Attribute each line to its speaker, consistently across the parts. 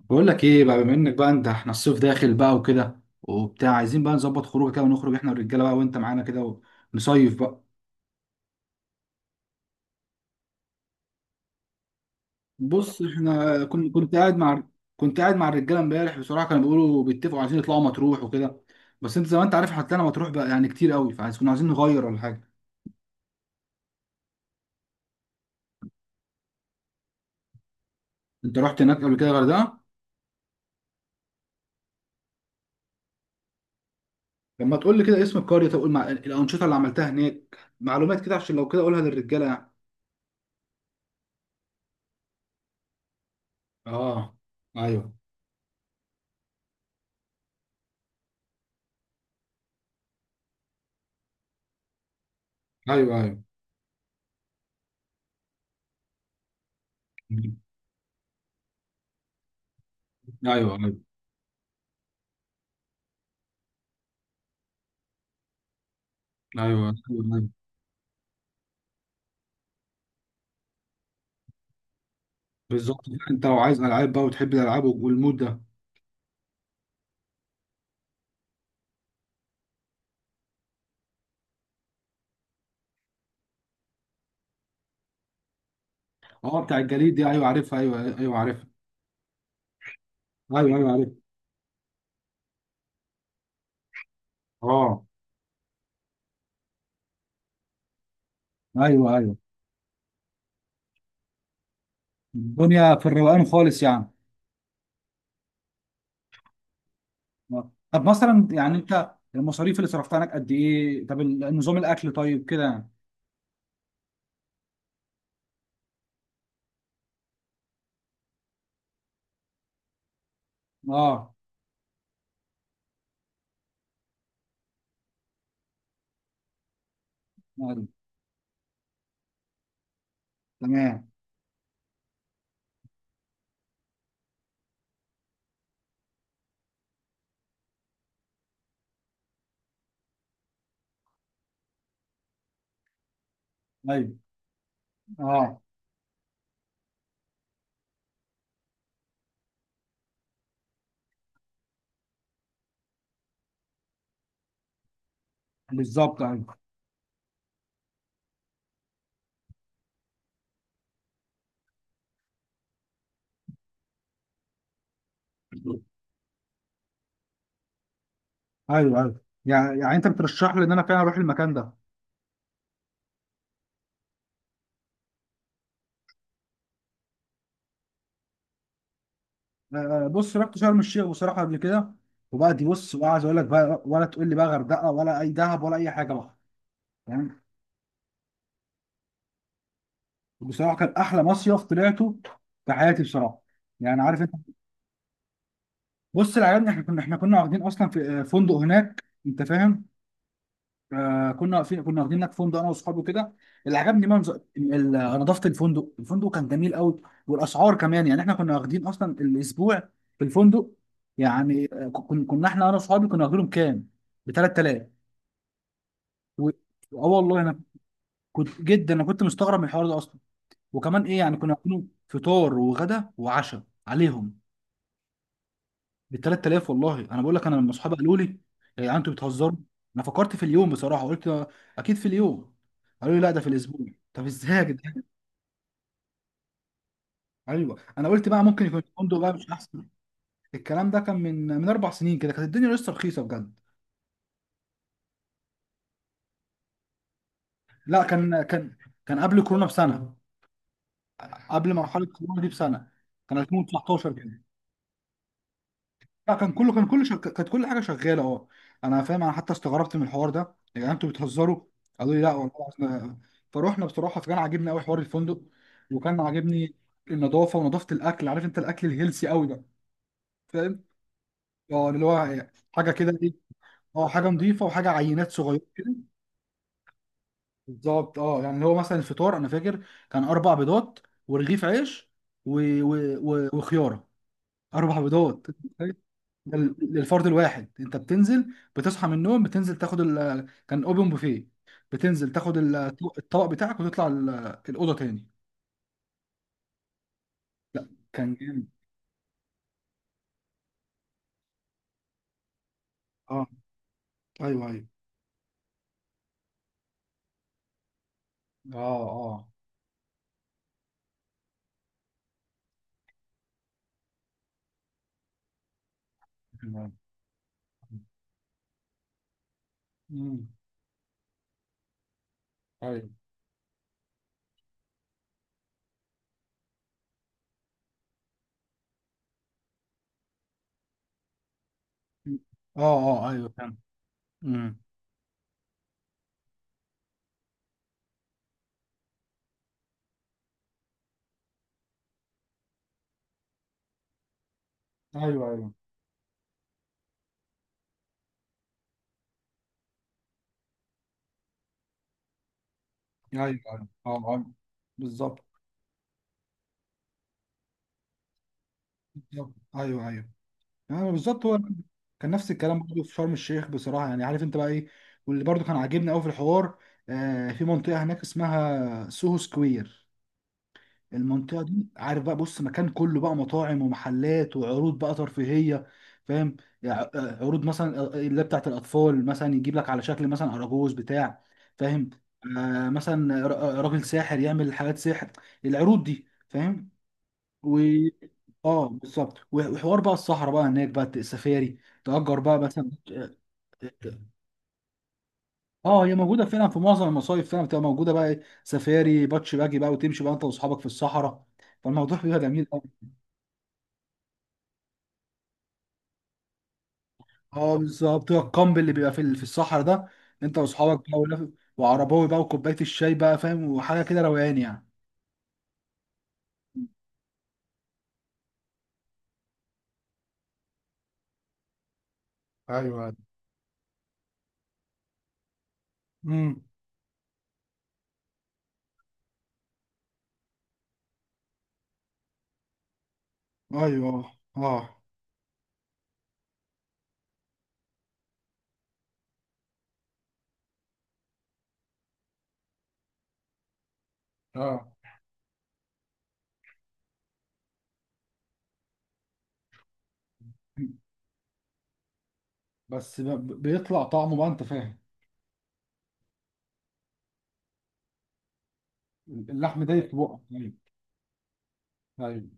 Speaker 1: بقول لك ايه بقى، بما انك بقى انت، احنا الصيف داخل بقى وكده وبتاع، عايزين بقى نظبط خروجه كده ونخرج احنا والرجاله بقى وانت معانا كده ونصيف بقى. بص، احنا كنت قاعد مع الرجاله امبارح بصراحه، كانوا بيقولوا بيتفقوا عايزين يطلعوا مطروح وكده. بس انت زي ما انت عارف هتلاقينا مطروح بقى يعني كتير قوي، فعايز كنا عايزين نغير ولا حاجه. انت رحت هناك قبل كده غردقه؟ لما تقول لي كده اسم القريه، طب قول مع الانشطه اللي عملتها هناك، معلومات كده، عشان لو كده اقولها للرجاله يعني. اه. ايوه. ايوه. ايوه. ايوه. ايوه. ايوه. بالظبط. انت لو عايز العاب بقى وتحب الالعاب والمود ده. اه بتاع الجليد دي، ايوه عارفها، ايوه ايوه عارفها. ايوه ايوه عارفها. اه. ايوه ايوه. الدنيا في الروقان خالص يعني. آه. طب مثلا يعني انت المصاريف اللي صرفتها هناك قد ايه؟ طب نظام الاكل طيب كده يعني. اه. ايوه. تمام. ايوه. اه بالظبط. ايوه ايوه ايوه، يعني يعني انت بترشح لي ان انا فعلا اروح المكان ده؟ بص رحت شرم الشيخ بصراحه قبل كده، وبقى دي بص بقى عايز اقول لك بقى، ولا تقول لي بقى غردقه ولا اي دهب ولا اي حاجه بقى. فاهم؟ بصراحه كان احلى مصيف طلعته في حياتي بصراحه، يعني عارف انت. بص، اللي عجبني احنا كنا احنا كنا واخدين اصلا في فندق هناك، انت فاهم. آه كنا في واخدين هناك فندق انا واصحابي كده. اللي عجبني منظر نظافه الفندق، الفندق كان جميل قوي. والاسعار كمان يعني، احنا كنا واخدين اصلا الاسبوع في الفندق يعني كنا احنا انا واصحابي كنا واخدينهم كام؟ ب 3000. و... اه، والله انا كنت جدا، انا كنت مستغرب من الحوار ده اصلا. وكمان ايه، يعني كنا عاملينه فطار وغدا وعشاء عليهم ب 3000. والله انا بقول لك، انا لما اصحابي قالوا لي "إيه يا جدعان انتوا بتهزروا"، انا فكرت في اليوم بصراحه، قلت اكيد في اليوم، قالوا لي لا ده في الاسبوع. طب ازاي يا جدعان؟ ايوه، انا قلت بقى ممكن يكون الفندق بقى مش احسن. الكلام ده كان من اربع سنين كده، كانت الدنيا لسه رخيصه بجد. لا كان كان قبل كورونا بسنه، قبل مرحله كورونا دي بسنه، كان 2019 كده. لا كان كله، كانت كل حاجه شغاله اه. انا فاهم، انا حتى استغربت من الحوار ده، يعني انتوا بتهزروا. قالوا لي لا والله احنا، فروحنا بصراحه، فكان عاجبني قوي حوار الفندق، وكان عاجبني النظافه ونظافه الاكل، عارف انت، الاكل الهيلسي قوي بقى، فاهم. اه اللي هو حاجه كده ايه، اه حاجه نظيفه وحاجه عينات صغيره كده. بالظبط، اه يعني اللي هو مثلا الفطار انا فاكر، كان اربع بيضات ورغيف عيش، و... و... و... وخياره. اربع بيضات. ده للفرد الواحد، انت بتنزل، بتصحى من النوم، بتنزل تاخد ال...، كان اوبن بوفيه، بتنزل تاخد الطبق بتاعك وتطلع الاوضه تاني. لا كان جامد. اه ايوه ايوه. اه اه. امم. ايوه. اه اه ايوه فاهم. امم. ايوه ايوه ايوه ايوه. اه. آه. بالظبط. بالظبط ايوه ايوه، يعني بالظبط هو كان نفس الكلام برضه في شرم الشيخ بصراحه، يعني عارف انت بقى ايه. واللي برضه كان عاجبني قوي في الحوار، آه في منطقه هناك اسمها سوهو سكوير، المنطقه دي عارف بقى، بص مكان كله بقى مطاعم ومحلات وعروض بقى ترفيهيه، فاهم، يعني عروض مثلا، اللي بتاعت الاطفال مثلا يجيب لك على شكل مثلا اراجوز بتاع، فاهم. آه، مثلا راجل ساحر يعمل حاجات سحر، العروض دي فاهم. و اه بالظبط، وحوار بقى الصحراء بقى هناك بقى السفاري، تأجر بقى مثلا. اه هي موجوده فعلا في معظم المصايف فعلا بتبقى موجوده بقى، سفاري باتش باجي بقى، وتمشي بقى انت واصحابك في الصحراء، فالموضوع بيبقى جميل قوي. اه بالظبط، هو الكامب اللي بيبقى في في الصحراء ده، انت واصحابك بقى، وعرباوي بقى وكوبايه الشاي بقى فاهم، وحاجه كده روقان يعني. ايوه. امم. ايوه. اه اه. بيطلع طعمه بقى انت فاهم. اللحم ده في بقك. أيوة. ايوه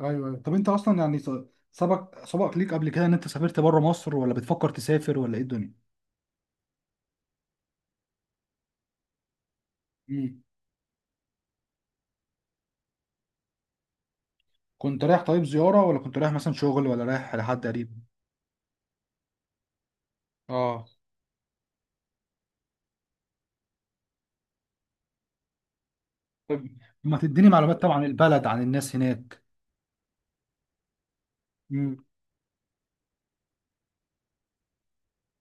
Speaker 1: ايوه. أيوة. طب انت اصلا يعني سبق ليك قبل كده ان انت سافرت بره مصر، ولا بتفكر تسافر، ولا ايه الدنيا؟ مم. كنت رايح طيب زياره، ولا كنت رايح مثلا شغل، ولا رايح لحد قريب؟ اه. طب ما تديني معلومات طبعا عن البلد، عن الناس هناك. مم.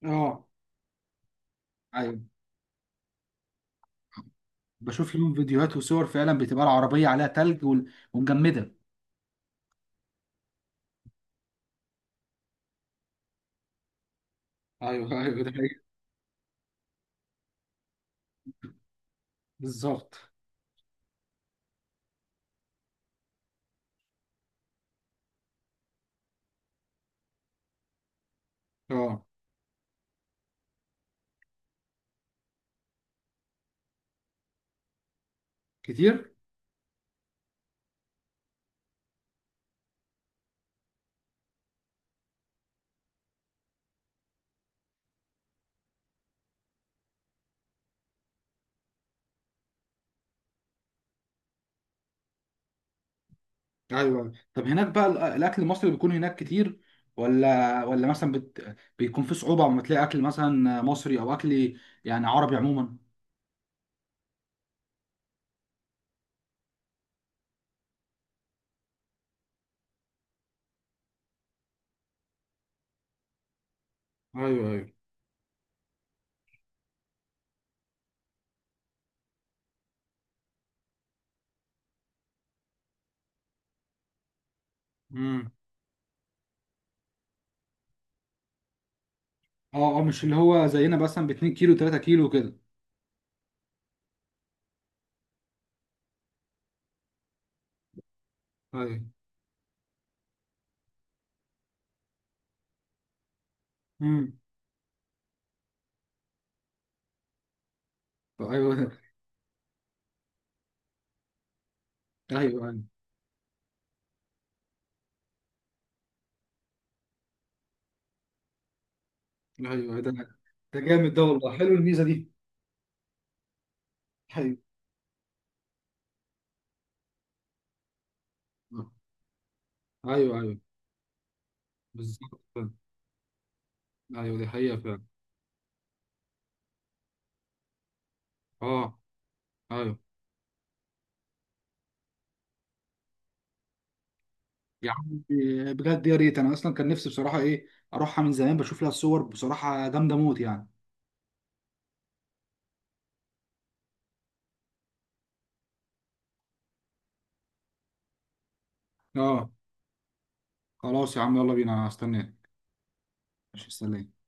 Speaker 1: اه. ايوه، بشوف لهم فيديوهات وصور فعلا، بتبقى العربيه عليها تلج ومجمده. ايوه ايوه، ده حقيقي. بالظبط. اه. كتير. ايوه، طب هناك بقى الاكل المصري بيكون هناك كتير، ولا مثلا بيكون في صعوبه لما تلاقي اكل مثلا مصري او اكل يعني عربي عموما؟ ايوه ايوه. امم. اه اه، مش اللي هو زينا مثلا ب 2 كيلو 3 كيلو كده. ايوه. امم. ايوه. ايوه ايوه. أيوة، ده ده جامد، ده والله حلو الميزه دي. ايوه ايوه ايوه بالظبط. ايوه دي حقيقة فعلا. اه. ايوه. يا عم، بجد يا ريت، انا اصلا كان نفسي بصراحه ايه اروحها من زمان، بشوف لها الصور بصراحه جامده موت يعني. اه. خلاص يا عم يلا بينا، هستناك. مش مستنيك.